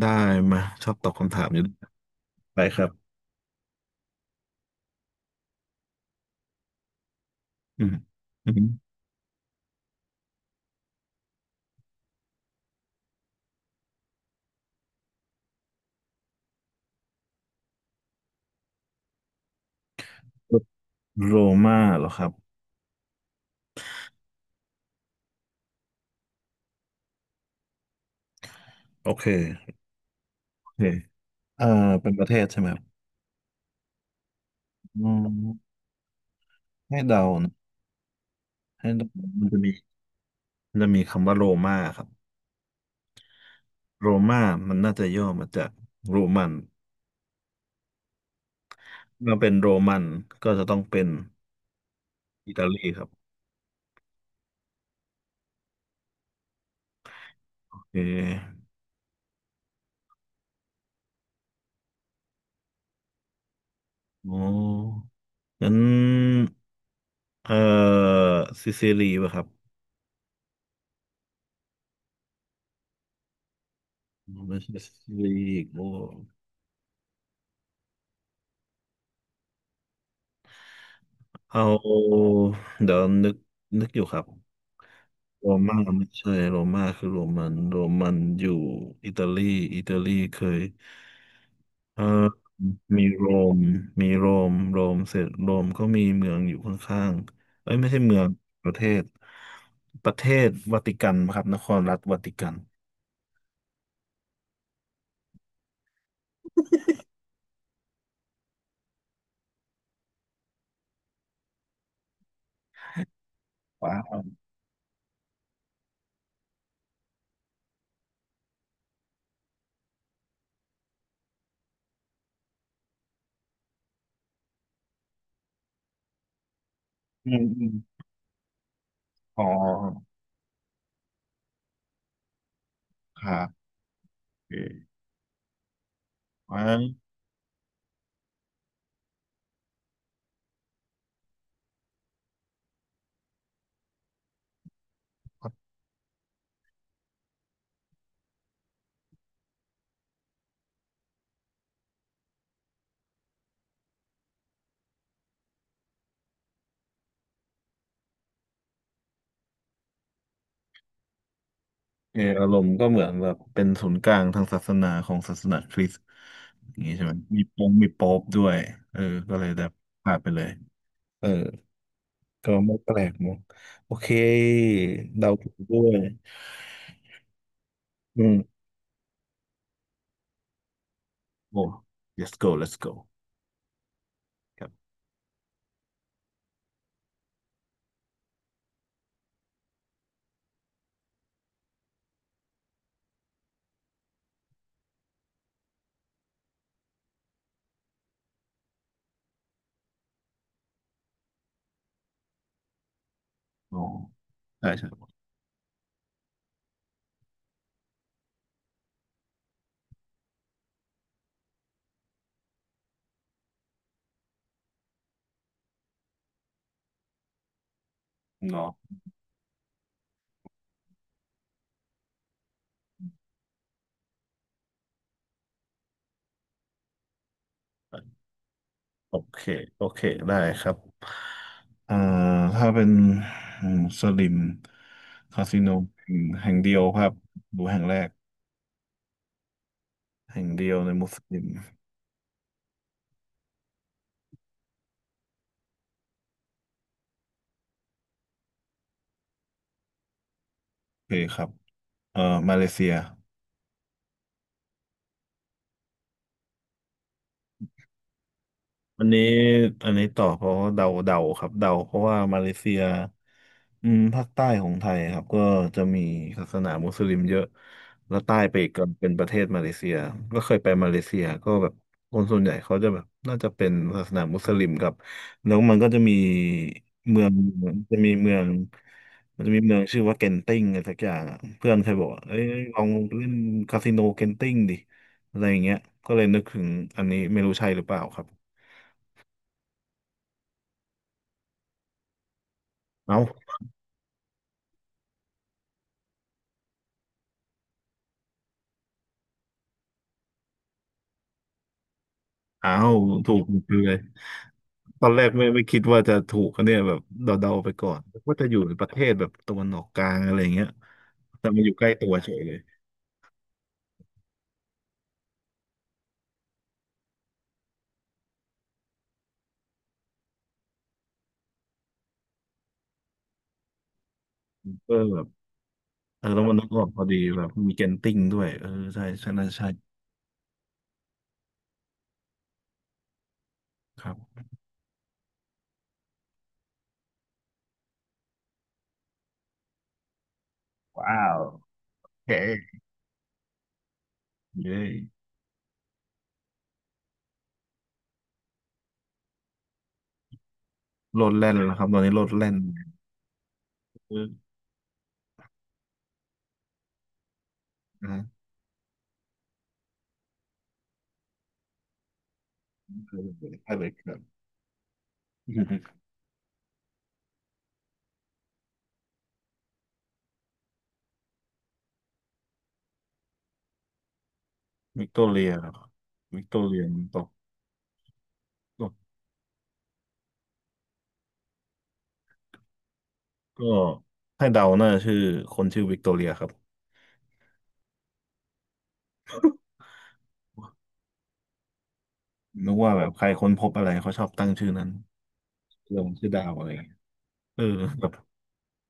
ได้มาชอบตอบคำถามอยู่ไปครับอืมอืมโรมาเหรอครับโอเคโอเคเอ่อเป็นประเทศใช่ไหมครับอืมให้เดานะให้เดามันจะมีมันจะมีคำว่าโรมาครับโรมามันน่าจะย่อมาจากโรมันเมื่อเป็นโรมันก็จะต้องเป็นอิตาลีครับโอเคโอ้งั้นเอ่อซิซิลีป่ะครับไม่ใช่ซิซิลีโอ้ เอาเดี๋ยวนึกอยู่ครับโรม่าไม่ใช่โรม่าคือโรมันโรมันอยู่อิตาลีอิตาลีเคยเอ่อมีโรมมีโรมโรมเสร็จโรมก็มีเมืองอยู่ข้างๆเอ้ยไม่ใช่เมืองประเทศประเทศวาติกันครับนครรัฐวาติกันว้าวอืมอมอ๋อครับโอเคว้าว เอออารมณ์ก็เหมือนแบบเป็นศูนย์กลางทางศาสนาของศาสนาคริสต์อย่างนี้ใช่ไหมมีปงมีโป๊อปด้วยเออก็เลยแบบพลาดไปเลยเออก็ไม่แปลกมั้งโอเคเดาถูกด้วยอืมโอ้ let's go let's go ครับอ๋อใช่ใช่เนาะโอเคโอเคได้ครับอ่าถ้าเป็นอืมสลิมคาสิโนแห่งเดียวครับดูแห่งแรกแห่งเดียวในมุสลิมโอเคครับ เออมาเลเซีย อันนี้อันนี้ต่อเพราะเดาครับเดาเพราะว่ามาเลเซียอืมภาคใต้ของไทยครับก็จะมีศาสนามุสลิมเยอะแล้วใต้ไปอีกก็เป็นประเทศมาเลเซียก็เคยไปมาเลเซียก็แบบคนส่วนใหญ่เขาจะแบบน่าจะเป็นศาสนามุสลิมครับแล้วมันก็จะมีเมืองจะมีเมืองมันจะมีเมืองชื่อว่าเกนติ้งอะไรสักอย่างอะเพื่อนเคยบอกว่าเอ้ยลองเล่นคาสิโนเกนติ้งดิอะไรอย่างเงี้ยก็เลยนึกถึงอันนี้ไม่รู้ใช่หรือเปล่าครับเอ้า อ้าวถูกคือเลยตอนแรกไม่คิดว่าจะถูกอันเนี่ยแบบเดาๆไปก่อนว่าจะอยู่ในประเทศแบบตะวันออกกลางอะไรเงี้ยแต่มาอยู่ใกล้ตัวเฉยเลยเออแบบเออแล้วมันนึกออกพอดีแบบมีเกนติ้งด้วยเออใช่ใช่น่าใช่ครับแขกอยู่ได้โลดแล่นแล้วครับตอนนี้โลดแล่นเออนะใช่เลยครับวิกตอเรียครับวิกตอเรียตกตกก็ให้เดาน่าจะชื่อคนชื่อวิกตอเรียครับนึกว่าแบบใครค้นพบอะไรเขาชอบตั้งชื่อนั้น ลงชื่อดาวอะไรเงี้ยเออแบบ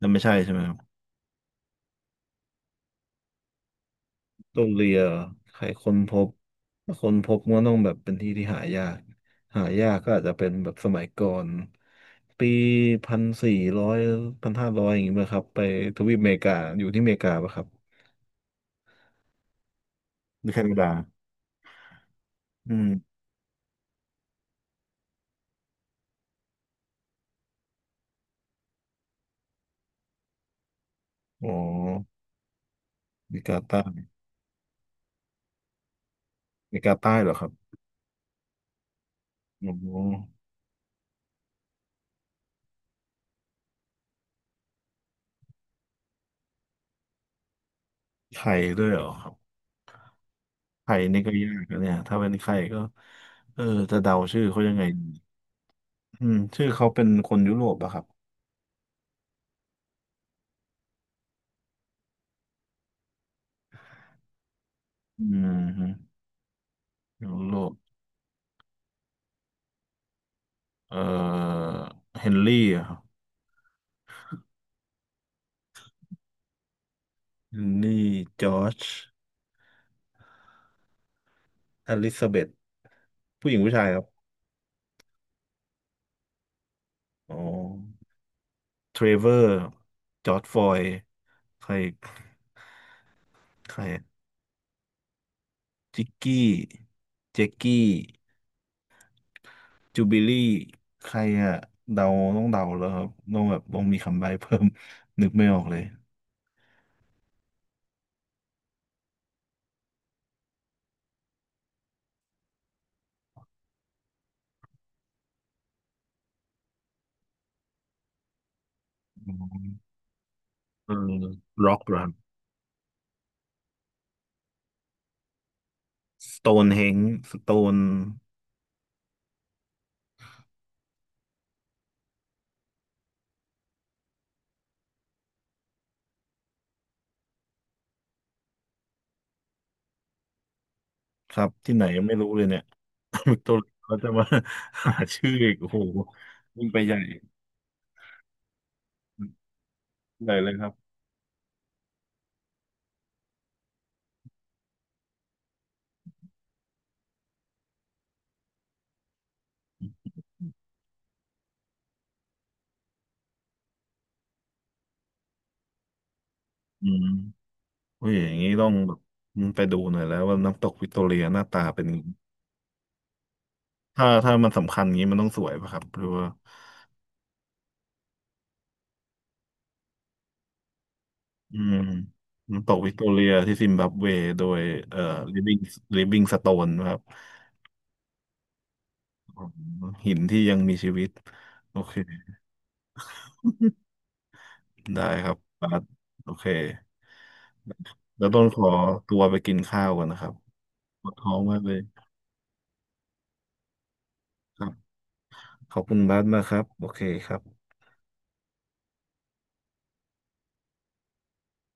นั่นไม่ใช่ใช่ไหมครับโดนเรียใครค้นพบถ้าค้นพบมันก็ต้องแบบเป็นที่ที่หายากหายากก็อาจจะเป็นแบบสมัยก่อนปีพันสี่ร้อยพันห้าร้อยอย่างเงี้ยครับไปทวีปอเมริกาอยู่ที่อเมริกาปะครับหรือแคนาดาอืมอ๋ออเมริกาใต้อเมริกาใต้เหรอครับอ๋อไข่ด้วยเหรอครับไข่นี่ก็ยากนะเนี่ยถ้าเป็นไข่ก็เออจะเดาชื่อเขายังไงอืมชื่อเขาเป็นคนยุโรปอะครับ อืมฮึยุโรปเอ่อเฮนรี่อะครับเฮนรี่ จอร์จอลิซาเบธผู้หญิงผู้ชายครับอ๋อเทรเวอร์ จอร์จฟลอยด์ใคร ใครอะจิกกี้ เจกกี้จูบิลี่ ใครอะเดาต้องเดาแล้วครับ ต้องแบบต้องมีคำใบ้เพิ่ม นึกไม่ออกเลยอืมเออร็อกเหรอครับสโตนเฮงสโตน ครับที่ไหนยังไม่รู้เลยเนี่ย วิกตอเรียเขาจะมา หาชื่ออีกโอ้โหยิ่งไปใหญ่ใหญ่เลยครับอืมโอ้ยอย่างนี้ต้องแบบไปดูหน่อยแล้วว่าน้ำตกวิกตอเรียหน้าตาเป็นยังไงถ้าถ้ามันสำคัญอย่างนี้มันต้องสวยป่ะครับหรือว่าอืมน้ำตกวิกตอเรียที่ซิมบับเวโดยเอ่อ Living l i ิ i n g Stone นะครับอ๋อหินที่ยังมีชีวิตโอเคได้ครับบาสโอเคแล้วต้นขอตัวไปกินข้าวก่อนนะครับปวดท้องมากเลย ครับขอบคุณบาสมากครับโอเคครับ